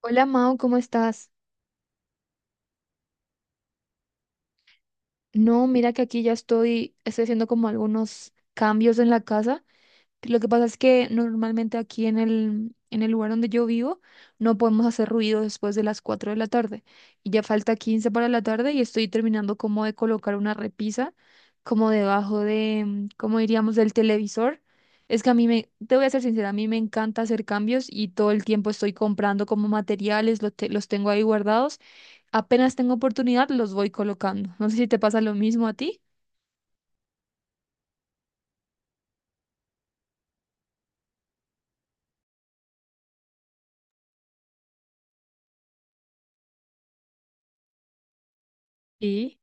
Hola Mau, ¿cómo estás? No, mira que aquí ya estoy, haciendo como algunos cambios en la casa. Lo que pasa es que normalmente aquí en el lugar donde yo vivo no podemos hacer ruido después de las 4 de la tarde. Y ya falta 15 para la tarde y estoy terminando como de colocar una repisa como debajo de, mm, ¿cómo diríamos?, del televisor. Es que te voy a ser sincera, a mí me encanta hacer cambios y todo el tiempo estoy comprando como materiales, los tengo ahí guardados. Apenas tengo oportunidad, los voy colocando. No sé si te pasa lo mismo a ti. Sí.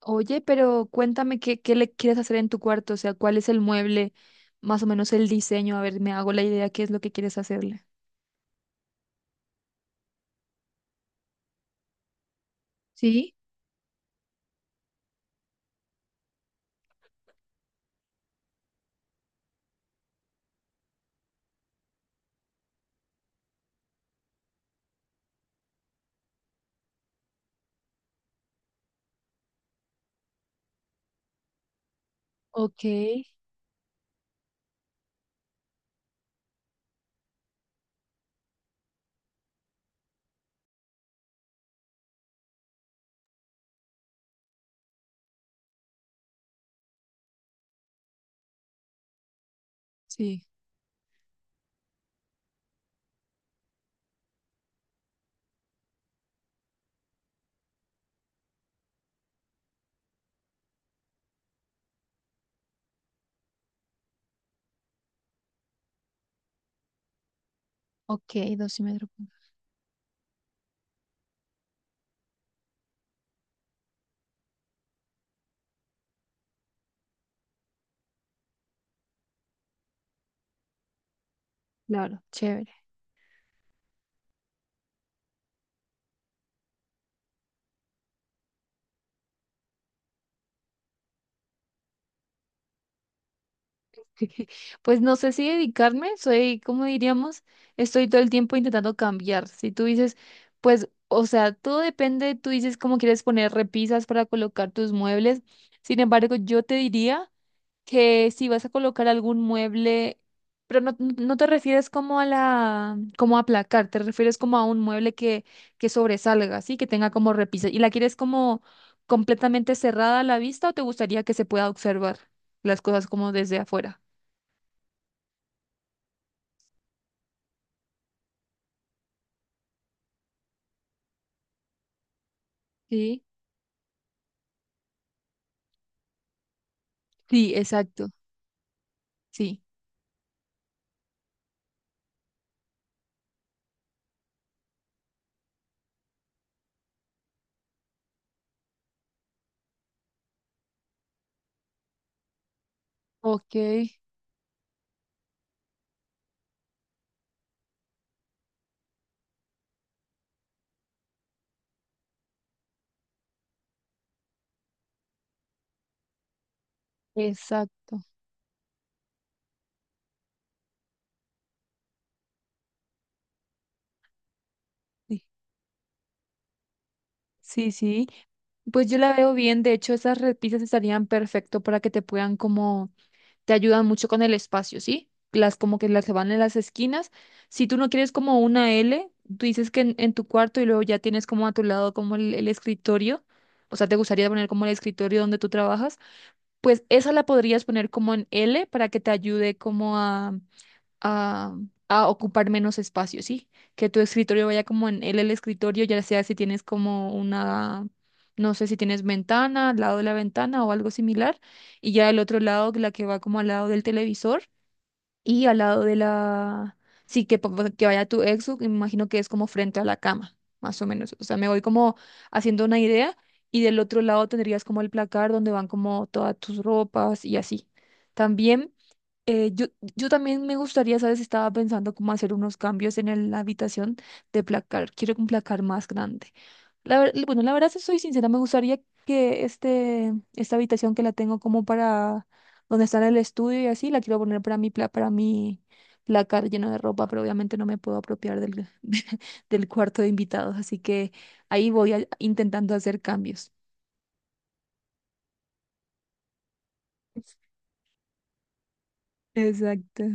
Oye, pero cuéntame qué le quieres hacer en tu cuarto, o sea, cuál es el mueble, más o menos el diseño, a ver, me hago la idea qué es lo que quieres hacerle. Sí, ok. Sí, ok, dos y medio. Claro, chévere. Pues no sé si dedicarme, soy, como diríamos, estoy todo el tiempo intentando cambiar. Si tú dices, pues, o sea, todo depende, tú dices cómo quieres poner repisas para colocar tus muebles. Sin embargo, yo te diría que si vas a colocar algún mueble, pero no te refieres como a la, como a placar, te refieres como a un mueble que sobresalga, ¿sí? Que tenga como repisas. ¿Y la quieres como completamente cerrada a la vista o te gustaría que se pueda observar las cosas como desde afuera? Sí, sí, exacto, sí. Ok, exacto. Sí, sí, sí. Pues yo la veo bien, de hecho esas repisas estarían perfecto para que te puedan como, te ayudan mucho con el espacio, ¿sí? Las como que las que van en las esquinas. Si tú no quieres como una L, tú dices que en tu cuarto y luego ya tienes como a tu lado como el escritorio, o sea, te gustaría poner como el escritorio donde tú trabajas, pues esa la podrías poner como en L para que te ayude como a, a ocupar menos espacio, ¿sí? Que tu escritorio vaya como en él el escritorio, ya sea si tienes como una, no sé si tienes ventana, al lado de la ventana o algo similar, y ya el otro lado, la que va como al lado del televisor y al lado de la, sí, que, pa- que vaya tu exo, me imagino que es como frente a la cama, más o menos. O sea, me voy como haciendo una idea. Y del otro lado tendrías como el placar donde van como todas tus ropas y así. También eh, yo, yo también me gustaría, ¿sabes? Estaba pensando cómo hacer unos cambios en la habitación de placar. Quiero un placar más grande. Bueno, la verdad, si soy sincera, me gustaría que esta habitación que la tengo como para donde está el estudio y así, la quiero poner para para mi placar lleno de ropa, pero obviamente no me puedo apropiar del, del cuarto de invitados. Así que ahí voy intentando hacer cambios. Exacto.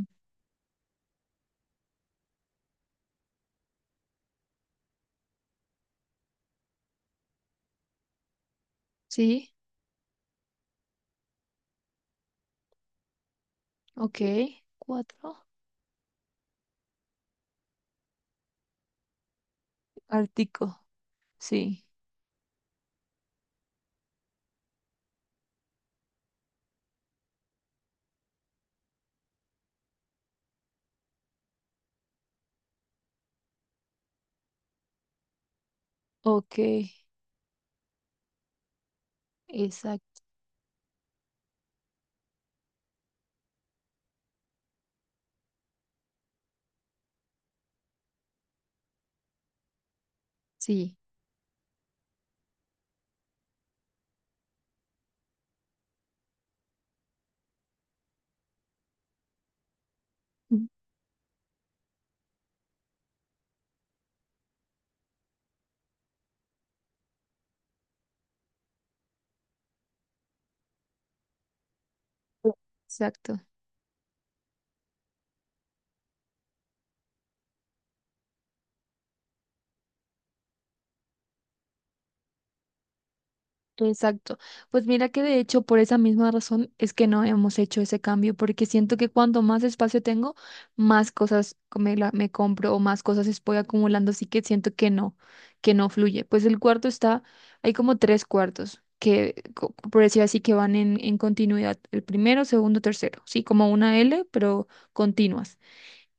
Sí, ok. Cuatro. Artico, sí. Ok, exacto, sí. Mm. Exacto, exacto. Pues mira que de hecho por esa misma razón es que no hemos hecho ese cambio, porque siento que cuanto más espacio tengo, más me compro o más cosas estoy acumulando, así que siento que no fluye. Pues el cuarto está, hay como tres cuartos por decir así, que van en continuidad, el primero, segundo, tercero, sí, como una L, pero continuas.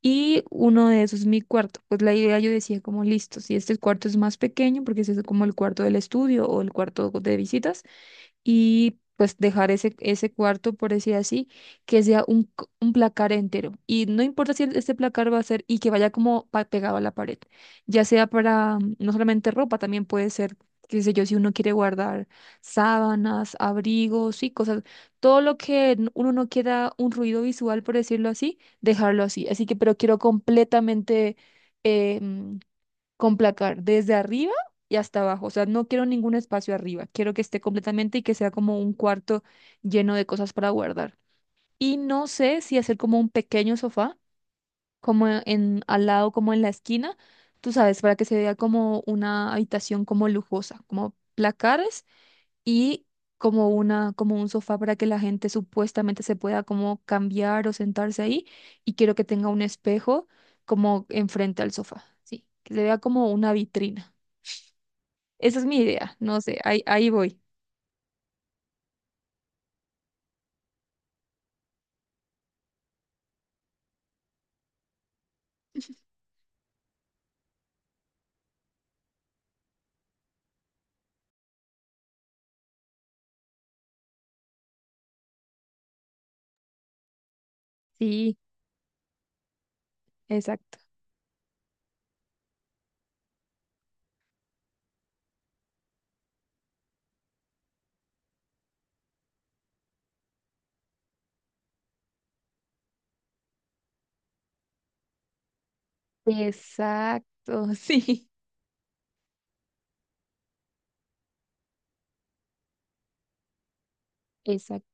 Y uno de esos es mi cuarto. Pues la idea yo decía como listo, si este cuarto es más pequeño, porque ese es como el cuarto del estudio o el cuarto de visitas, y pues dejar ese cuarto, por decir así, que sea un placar entero. Y no importa si este placar va a ser y que vaya como pegado a la pared, ya sea para mm, no solamente ropa, también puede ser, qué sé yo, si uno quiere guardar sábanas, abrigos y cosas, todo lo que uno no quiera un ruido visual, por decirlo así, dejarlo así. Así que, pero quiero completamente... em, con placar desde arriba y hasta abajo. O sea, no quiero ningún espacio arriba. Quiero que esté completamente y que sea como un cuarto lleno de cosas para guardar. Y no sé si hacer como un pequeño sofá, como en al lado, como en la esquina, tú sabes, para que se vea como una habitación como lujosa, como placares y como una, como un sofá para que la gente supuestamente se pueda como cambiar o sentarse ahí. Y quiero que tenga un espejo como enfrente al sofá, sí, que se vea como una vitrina. Esa es mi idea, no sé, ahí, ahí voy. Sí, exacto. Exacto, sí, exacto.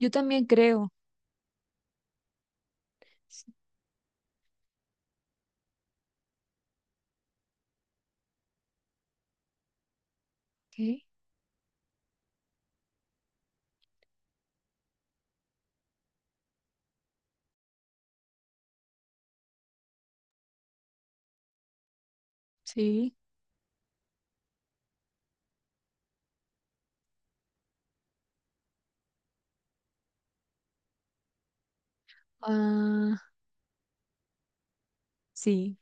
Yo también creo. Sí, ok, sí, ah, sí,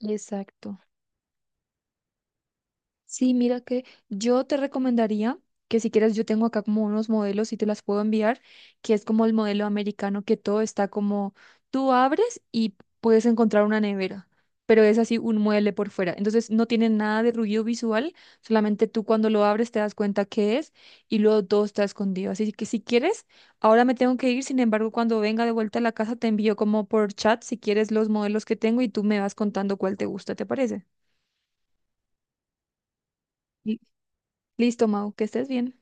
exacto. Sí, mira que yo te recomendaría que si quieres, yo tengo acá como unos modelos y te las puedo enviar, que es como el modelo americano, que todo está como tú abres y puedes encontrar una nevera, pero es así un mueble por fuera. Entonces no tiene nada de ruido visual, solamente tú cuando lo abres te das cuenta qué es y luego todo está escondido. Así que si quieres, ahora me tengo que ir, sin embargo, cuando venga de vuelta a la casa te envío como por chat si quieres los modelos que tengo y tú me vas contando cuál te gusta, ¿te parece? Li- Listo, Mau, que estés bien.